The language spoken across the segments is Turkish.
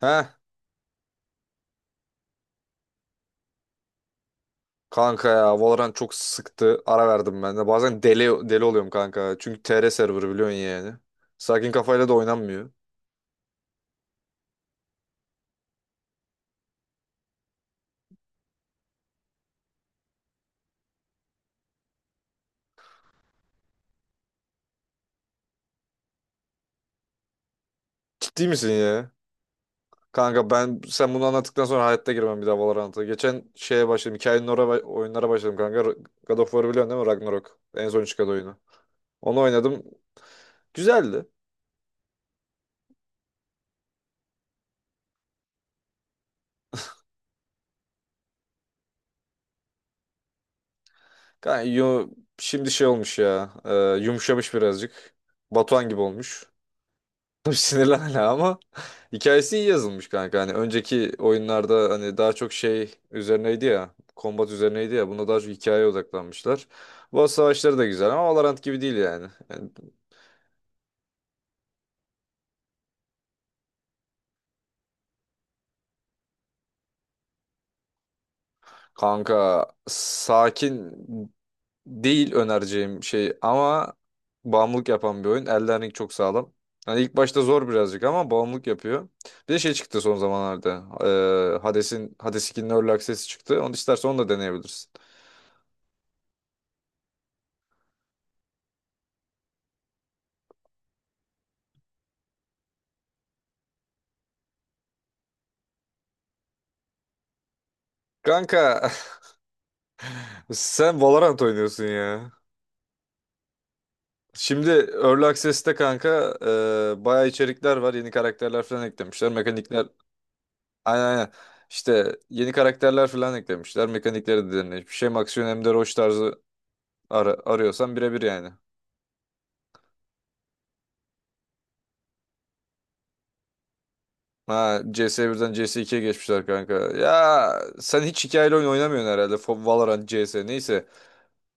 Heh, kanka ya, Valorant çok sıktı. Ara verdim ben de. Bazen deli deli oluyorum kanka. Çünkü TR serverı biliyorsun yani. Sakin kafayla da oynanmıyor. Ciddi misin ya? Kanka, ben sen bunu anlattıktan sonra hayatta girmem bir daha Valorant'a. Geçen şeye başladım. Hikayenin oraya oyunlara başladım kanka. God of War'ı biliyorsun değil mi? Ragnarok. En son çıkan oyunu. Onu oynadım. Güzeldi. Kanka, şimdi şey olmuş ya. Yumuşamış birazcık. Batuhan gibi olmuş. Sinirlen hala ama hikayesi iyi yazılmış kanka. Hani önceki oyunlarda hani daha çok şey üzerineydi ya. Kombat üzerineydi ya. Bunda daha çok hikayeye odaklanmışlar. Bu savaşları da güzel ama Valorant gibi değil yani. Yani kanka, sakin değil önereceğim şey ama bağımlılık yapan bir oyun. Elden Ring çok sağlam. Hani ilk başta zor birazcık ama bağımlılık yapıyor. Bir de şey çıktı son zamanlarda. Hades 2'nin Early Access'i çıktı. Onu istersen onu da deneyebilirsin. Kanka, sen Valorant oynuyorsun ya. Şimdi Early Access'te kanka, bayağı içerikler var. Yeni karakterler falan eklemişler. Mekanikler. Aynen aynen. İşte yeni karakterler falan eklemişler. Mekanikleri de derinleşmiş. Hiçbir şey. Hem aksiyon hem de roş tarzı arıyorsan birebir yani. Ha, CS1'den CS2'ye geçmişler kanka. Ya sen hiç hikayeli oyun oynamıyorsun herhalde. Valorant, CS neyse.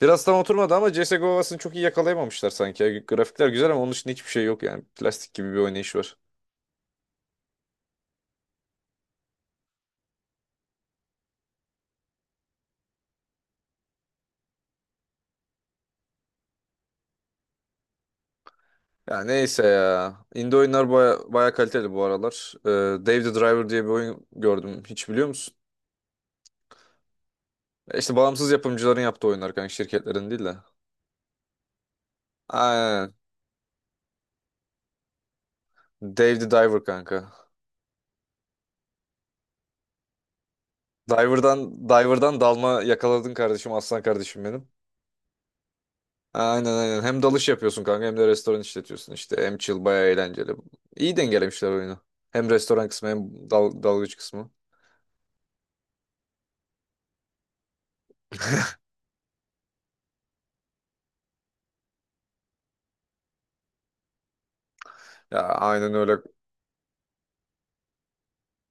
Biraz tam oturmadı ama CSGO havasını çok iyi yakalayamamışlar sanki. Ya. Grafikler güzel ama onun için hiçbir şey yok yani. Plastik gibi bir oynayış var. Ya neyse ya. Indie oyunlar baya, baya kaliteli bu aralar. Dave the Driver diye bir oyun gördüm. Hiç biliyor musun? İşte bağımsız yapımcıların yaptığı oyunlar kanka. Şirketlerin değil de. Aynen. Dave the Diver kanka. Diver'dan dalma yakaladın kardeşim. Aslan kardeşim benim. Aynen aynen. Hem dalış yapıyorsun kanka hem de restoran işletiyorsun işte. Hem chill baya eğlenceli. İyi dengelemişler oyunu. Hem restoran kısmı hem dalgıç kısmı. Ya, aynen öyle.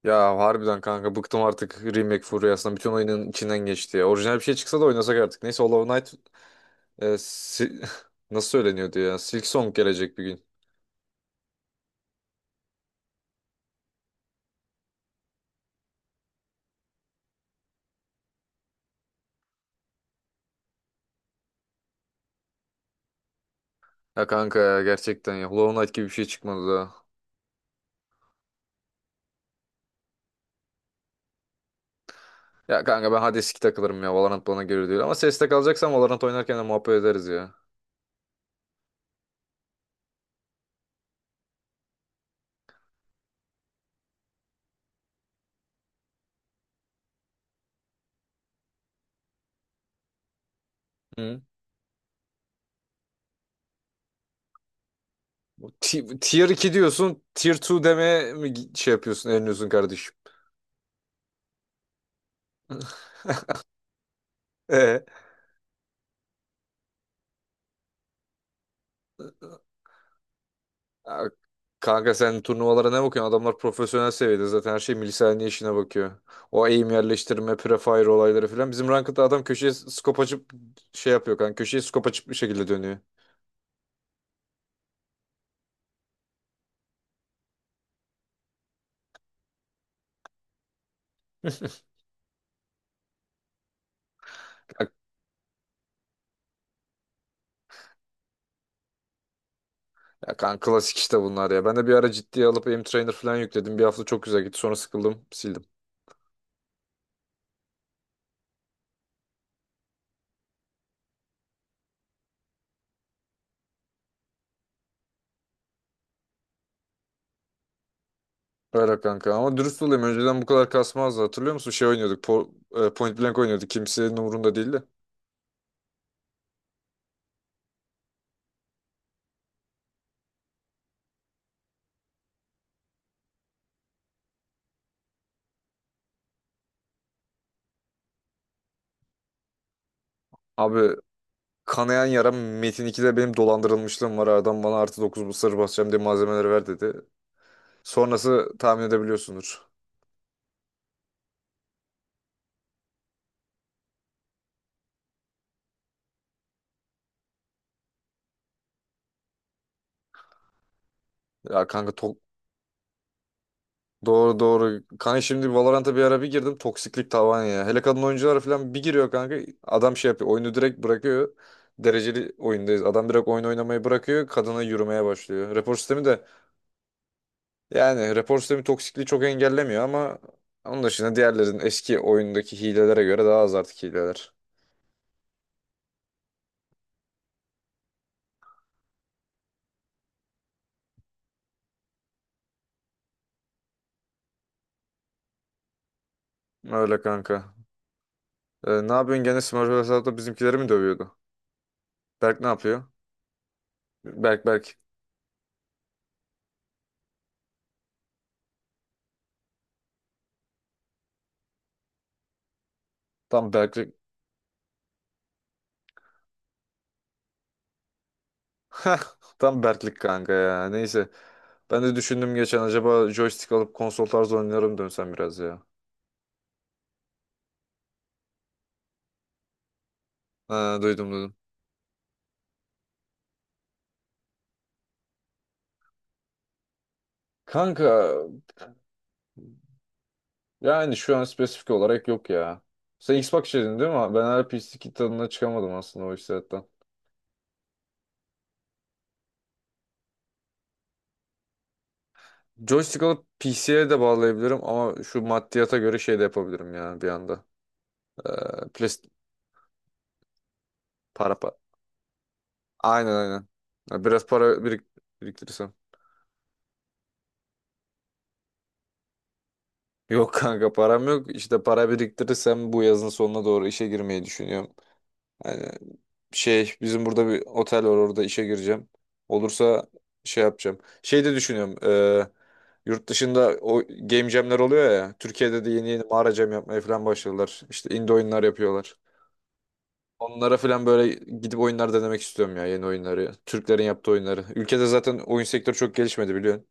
Ya harbiden kanka, bıktım artık remake furyasından. Bütün oyunun içinden geçti ya. Orijinal bir şey çıksa da oynasak artık. Neyse Hollow Knight, e, si- nasıl söyleniyordu ya? Silk Song gelecek bir gün. Ya kanka ya, gerçekten ya. Hollow Knight gibi bir şey çıkmadı daha. Ya kanka, ben Hades 2 takılırım ya. Valorant bana göre değil. Ama CS'de kalacaksam Valorant oynarken de muhabbet ederiz ya. Hı? Tier 2 diyorsun. Tier 2 demeye mi şey yapıyorsun, eliniyorsun kardeşim? E? Ya, kanka sen turnuvalara ne bakıyorsun? Adamlar profesyonel seviyede zaten, her şey milisaniye işine bakıyor. O aim yerleştirme, prefire olayları falan. Bizim ranked'da adam köşeye skop açıp şey yapıyor kanka. Köşeye skop açıp bir şekilde dönüyor. Ya ya kanka, klasik işte bunlar ya. Ben de bir ara ciddiye alıp aim trainer falan yükledim. Bir hafta çok güzel gitti. Sonra sıkıldım, sildim. Öyle kanka ama dürüst olayım. Önceden bu kadar kasmazdı. Hatırlıyor musun? Şey oynuyorduk. Point Blank oynuyorduk. Kimsenin umurunda değildi. Abi, kanayan yaram Metin 2'de benim dolandırılmışlığım var. Adam bana artı 9 mısır basacağım diye malzemeleri ver dedi. Sonrası tahmin edebiliyorsundur. Ya kanka, doğru doğru. Kanka, şimdi Valorant'a bir ara bir girdim. Toksiklik tavan ya. Hele kadın oyunculara falan bir giriyor kanka. Adam şey yapıyor. Oyunu direkt bırakıyor. Dereceli oyundayız. Adam direkt oyun oynamayı bırakıyor. Kadına yürümeye başlıyor. Rapor sistemi de, yani rapor sistemi toksikliği çok engellemiyor ama onun dışında diğerlerin eski oyundaki hilelere göre daha az artık hileler. Öyle kanka. Ne yapıyorsun? Gene Smurf hesapta bizimkileri mi dövüyordu? Berk ne yapıyor? Berk, Berk. Tam Berklik. Hah, tam Berklik kanka ya. Neyse. Ben de düşündüm geçen, acaba joystick alıp konsol tarzı oynarım dönsem biraz ya. Ha, duydum duydum. Kanka, yani şu an spesifik olarak yok ya. Sen Xbox dedin değil mi? Ben hala PC kit tadına çıkamadım aslında o hissiyattan. Joystick alıp PC'ye de bağlayabilirim ama şu maddiyata göre şey de yapabilirim ya bir anda. Ee, Play- para para. Aynen aynen. Ya, biraz para biriktirirsem. Yok kanka, param yok. İşte para biriktirirsem bu yazın sonuna doğru işe girmeyi düşünüyorum. Yani şey bizim burada bir otel var, orada işe gireceğim. Olursa şey yapacağım. Şey de düşünüyorum. Yurt dışında o game jamler oluyor ya. Türkiye'de de yeni yeni mağara jam yapmaya falan başladılar. İşte indie oyunlar yapıyorlar. Onlara falan böyle gidip oyunlar denemek istiyorum ya, yeni oyunları. Türklerin yaptığı oyunları. Ülkede zaten oyun sektörü çok gelişmedi biliyorsun.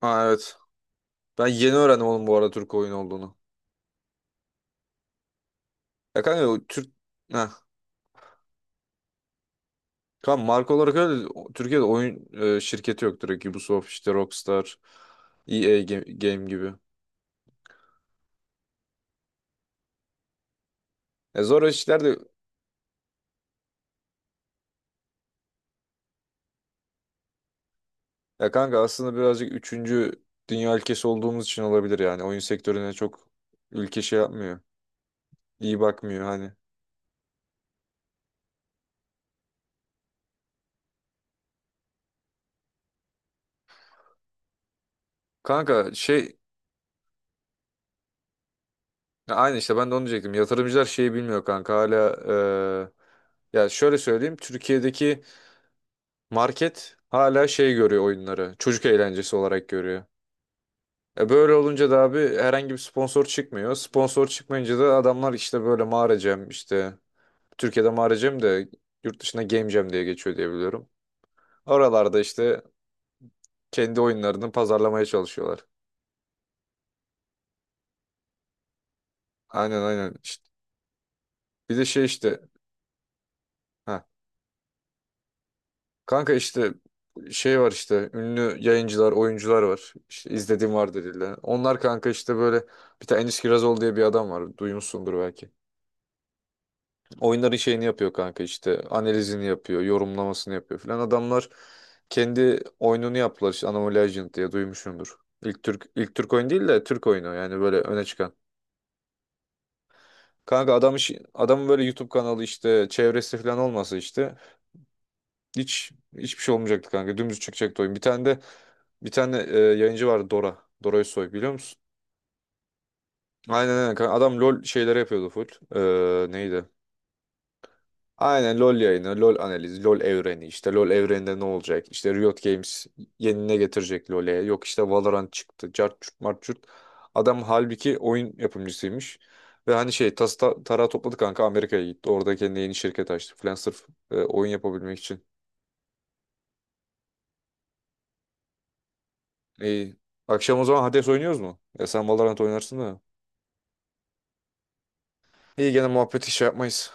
Ha evet. Ben yeni öğrendim oğlum bu arada Türk oyun olduğunu. Ya kanka, o Türk... Heh. Kanka marka olarak öyle Türkiye'de oyun şirketi yok direkt. Ubisoft işte, Rockstar, EA Game, Game gibi. E zor işler de, ya kanka, aslında birazcık üçüncü dünya ülkesi olduğumuz için olabilir yani. Oyun sektörüne çok ülke şey yapmıyor. İyi bakmıyor hani. Kanka şey, ya aynı işte ben de onu diyecektim. Yatırımcılar şeyi bilmiyor kanka hala, ya şöyle söyleyeyim, Türkiye'deki market hala şey görüyor oyunları. Çocuk eğlencesi olarak görüyor. E böyle olunca da abi, herhangi bir sponsor çıkmıyor. Sponsor çıkmayınca da adamlar işte böyle mağara jam, işte Türkiye'de mağara jam, de yurt dışında game jam diye geçiyor diye biliyorum. Oralarda işte kendi oyunlarını pazarlamaya çalışıyorlar. Aynen aynen. İşte bir de şey işte, ha kanka, işte şey var işte ünlü yayıncılar, oyuncular var. İşte izlediğim var dediler. Onlar kanka işte böyle bir tane Enis Kirazoğlu diye bir adam var. Duymuşsundur belki. Oyunların şeyini yapıyor kanka, işte analizini yapıyor, yorumlamasını yapıyor filan. Adamlar kendi oyununu yaptılar işte Anomaly Legend diye, duymuşumdur. İlk Türk oyun değil de Türk oyunu yani böyle öne çıkan. Kanka, adamın böyle YouTube kanalı işte çevresi falan olmasa işte hiç hiçbir şey olmayacaktı kanka. Dümdüz çıkacaktı oyun. Bir tane yayıncı vardı, Dora. Dora Özsoy, biliyor musun? Aynen aynen kanka. Adam LOL şeyleri yapıyordu full. Neydi? Aynen LoL yayını, LoL analizi, LoL evreni, işte LoL evreninde ne olacak? İşte Riot Games yeni ne getirecek LoL'e? Yok işte Valorant çıktı. Cart çurt mart çurt. Adam halbuki oyun yapımcısıymış. Ve hani şey tarağı topladı kanka, Amerika'ya gitti. Orada kendine yeni şirket açtı falan sırf oyun yapabilmek için. İyi. Akşam o zaman Hades oynuyoruz mu? Ya sen Valorant oynarsın da. İyi gene muhabbeti şey yapmayız.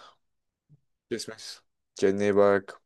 Kesmeyiz. Kendine iyi bak.